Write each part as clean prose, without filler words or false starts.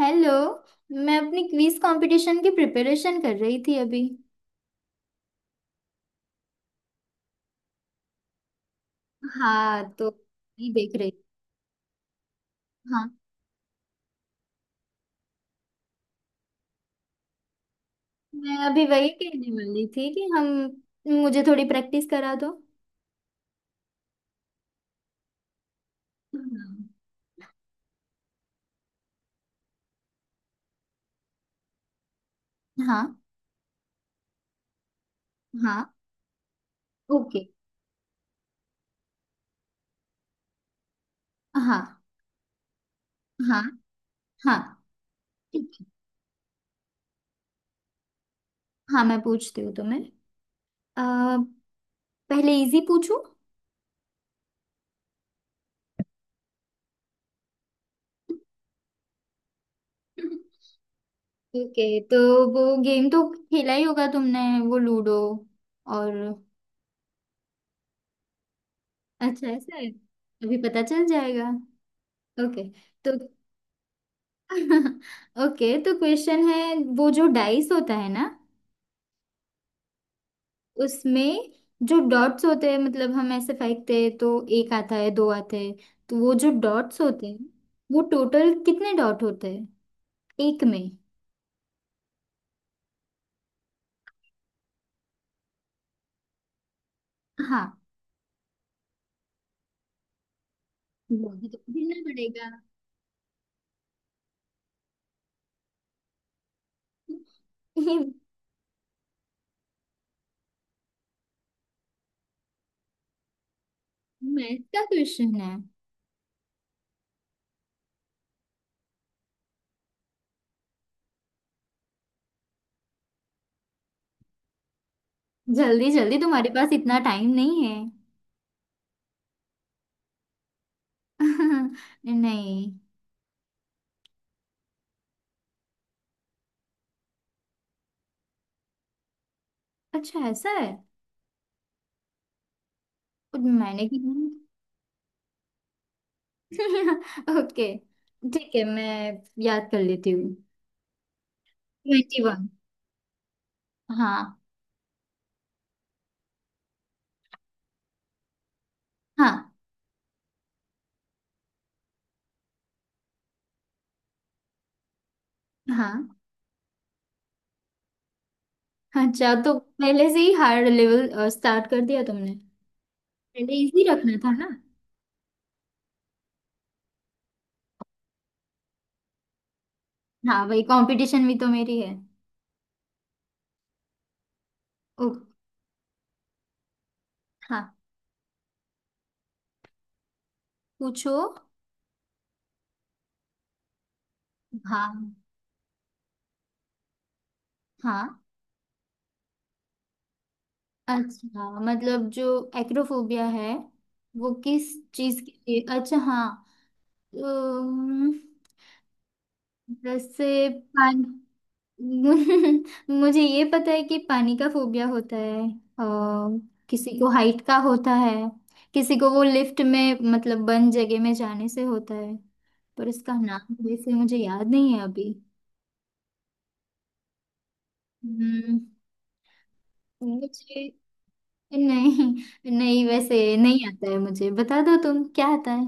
Hello. मैं अपनी quiz competition की प्रिपरेशन कर रही थी अभी। हाँ, तो नहीं देख रही। हाँ, मैं अभी वही कहने वाली थी कि हम मुझे थोड़ी प्रैक्टिस करा दो। हाँ, हाँ, हाँ। ओके। हाँ, हाँ, हाँ। ठीक है। हाँ, मैं पूछती हूँ तुम्हें। अ, पहले इजी पूछूं? ओके। तो वो गेम तो खेला ही होगा तुमने, वो लूडो, और। अच्छा, ऐसा है? अभी पता चल जाएगा। ओके। तो ओके, तो क्वेश्चन है, वो जो डाइस होता है ना, उसमें जो डॉट्स होते हैं, मतलब हम ऐसे फेंकते हैं तो एक आता है, दो आते हैं। तो वो जो डॉट्स होते हैं, वो टोटल कितने डॉट होते हैं एक में? हाँ, मुझे तो गिनना पड़ेगा। ये मैथ का क्वेश्चन है। जल्दी जल्दी, तुम्हारे पास इतना टाइम नहीं है। नहीं। अच्छा, ऐसा है? मैंने गिना। ओके। ठीक है, मैं याद कर लेती हूँ। 21। हाँ, हाँ, हाँ। अच्छा, तो पहले से ही हार्ड लेवल स्टार्ट कर दिया तुमने। पहले इजी रखना था ना। हाँ भाई, कंपटीशन भी तो मेरी है। ओ हाँ, पूछो। हाँ, हाँ। अच्छा, मतलब जो एक्रोफोबिया है वो किस चीज के लिए, अच्छा हाँ। अम, जैसे पानी। मुझे ये पता है कि पानी का फोबिया होता है। और किसी को हाइट का होता है, किसी को वो लिफ्ट में, मतलब बंद जगह में जाने से होता है। पर इसका नाम वैसे मुझे याद नहीं है अभी। हम्म, मुझे नहीं, नहीं, वैसे नहीं आता है मुझे। बता दो तुम, क्या आता है।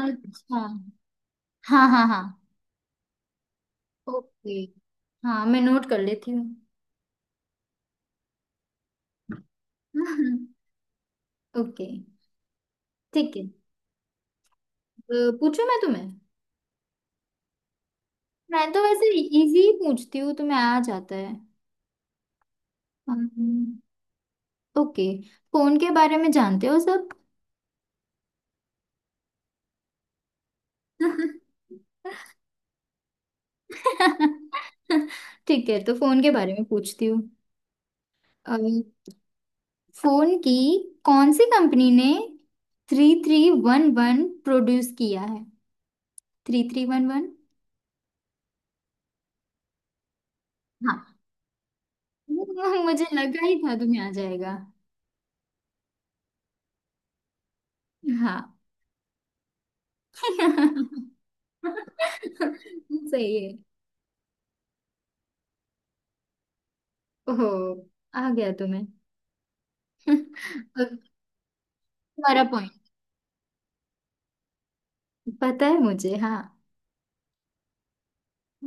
अच्छा। हाँ, हाँ, हाँ। ओके। हाँ, मैं नोट कर लेती हूँ। ओके। ठीक है। पूछूं मैं तुम्हें? मैं तो वैसे इजी ही पूछती हूँ तुम्हें, आ जाता है। हम्म, ओके। फोन के बारे में जानते हो सब? ठीक है, तो फोन के बारे में पूछती हूँ। अम, फोन की कौन सी कंपनी ने 3311 प्रोड्यूस किया है? 3311। हाँ। मुझे लगा ही था तुम्हें आ जाएगा। हाँ। सही है। ओह, आ गया तुम्हें। और तुम्हारा पॉइंट। पता है मुझे। हाँ,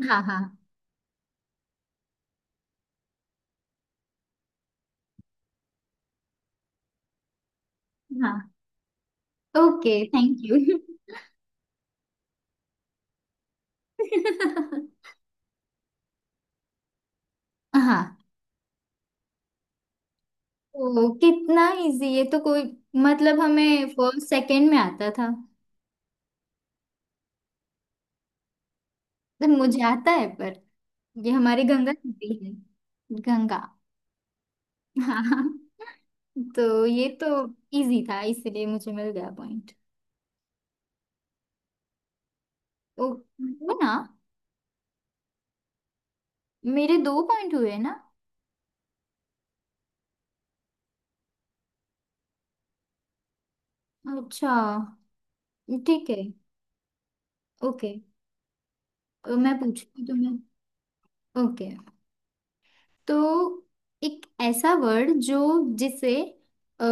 हाँ, हाँ, हाँ। Okay, thank you. हाँ। ओ, कितना इजी! ये तो कोई, मतलब हमें फर्स्ट सेकंड में आता था। तो मुझे आता है पर। ये हमारी गंगा नदी है। गंगा। हाँ, तो ये तो इजी था इसलिए मुझे मिल गया पॉइंट। ओ, वो ना, मेरे दो पॉइंट हुए ना। अच्छा, ठीक है। ओके। तो मैं पूछती हूँ तुम्हें। ओके, तो एक ऐसा वर्ड जो, जिसे अ,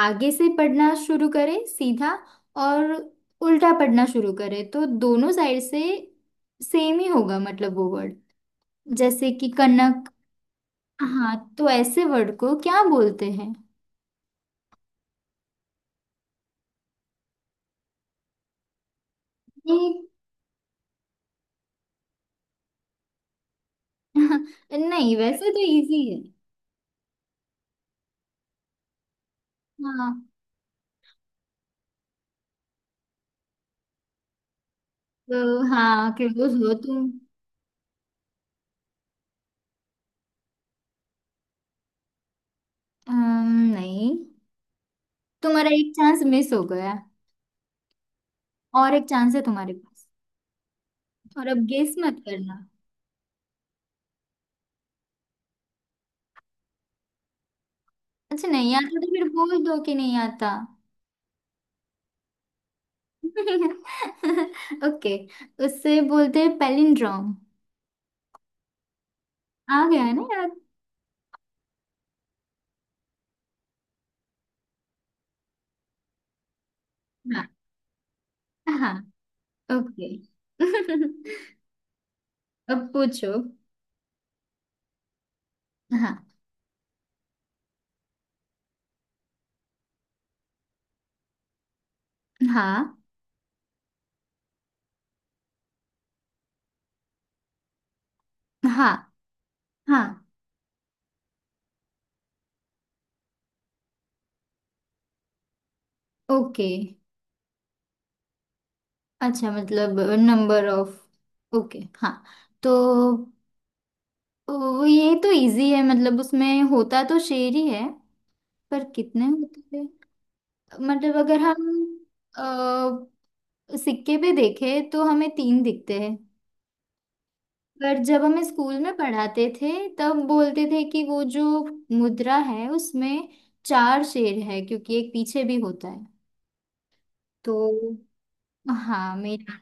आगे से पढ़ना शुरू करे सीधा, और उल्टा पढ़ना शुरू करे, तो दोनों साइड से सेम ही होगा, मतलब वो वर्ड, जैसे कि कनक। हाँ, तो ऐसे वर्ड को क्या बोलते हैं? ये। नहीं, वैसे तो इजी है। हाँ तो, हाँ क्लोज हो तुम। नहीं, तुम्हारा एक चांस मिस हो गया। और एक चांस है तुम्हारे पास, और अब गेस मत करना। अच्छा, नहीं आता तो फिर बोल दो कि नहीं आता। ओके। उससे बोलते हैं पैलिंड्रोम। आ गया है ना याद? हाँ, हाँ। ओके। अब पूछो। हाँ, हाँ, हाँ, हाँ। ओके। अच्छा, मतलब नंबर ऑफ। ओके हाँ। तो वो, ये तो इजी है, मतलब उसमें होता तो शेर ही है पर कितने होते हैं। मतलब अगर हम सिक्के पे देखे तो हमें तीन दिखते हैं, पर जब हमें स्कूल में पढ़ाते थे तब बोलते थे कि वो जो मुद्रा है उसमें चार शेर है, क्योंकि एक पीछे भी होता है। तो हाँ, मेरा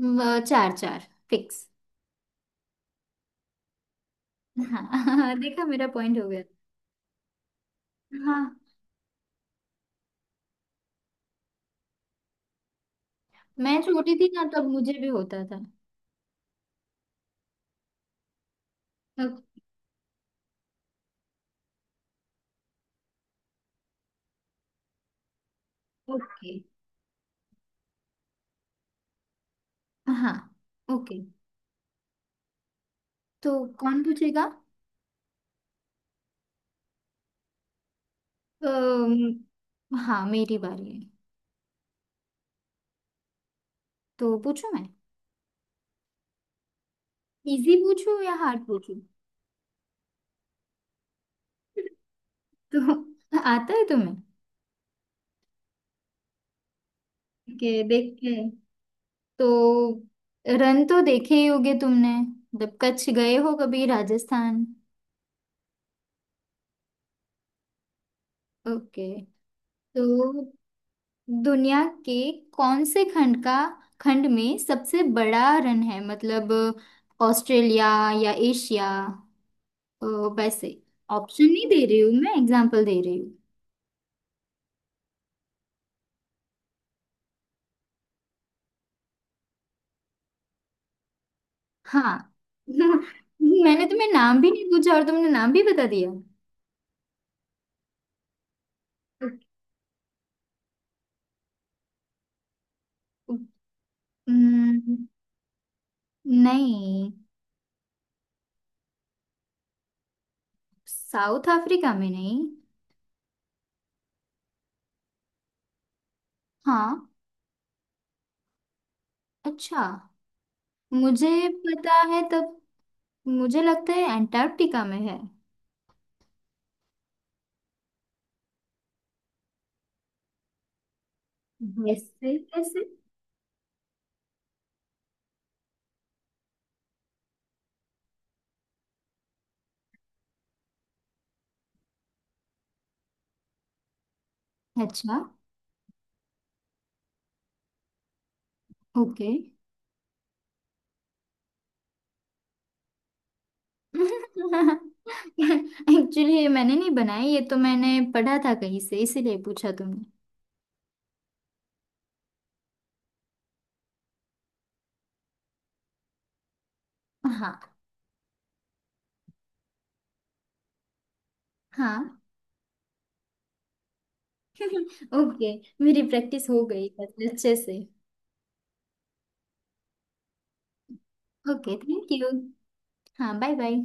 चार, चार फिक्स। हाँ। देखा, मेरा पॉइंट हो गया। हाँ, मैं छोटी थी ना तब, मुझे भी होता था तब। ओके। हाँ। ओके। तो कौन पूछेगा? हाँ, मेरी बारी है। तो पूछूं मैं? इजी पूछूं या हार्ड पूछूं? तो आता है तुम्हें? कि देखते हैं। तो रन तो देखे ही होगे तुमने, जब कच्छ गए हो कभी, राजस्थान। ओके। तो दुनिया के कौन से खंड का, खंड में सबसे बड़ा रन है, मतलब ऑस्ट्रेलिया या एशिया। अ, वैसे ऑप्शन नहीं दे रही हूँ, मैं एग्जांपल दे रही हूँ। हाँ। मैंने तुम्हें नाम भी नहीं पूछा और तुमने नाम भी बता दिया। हम्म, नहीं, साउथ अफ्रीका में नहीं। हाँ, अच्छा। मुझे पता है तब। मुझे लगता है एंटार्क्टिका में है। वैसे कैसे? अच्छा। ओके। एक्चुअली मैंने नहीं बनाई ये, तो मैंने पढ़ा था कहीं से, इसीलिए पूछा तुमने। हाँ, हाँ। ओके, मेरी प्रैक्टिस हो गई अच्छे से। Okay, thank you. हाँ, बाय बाय।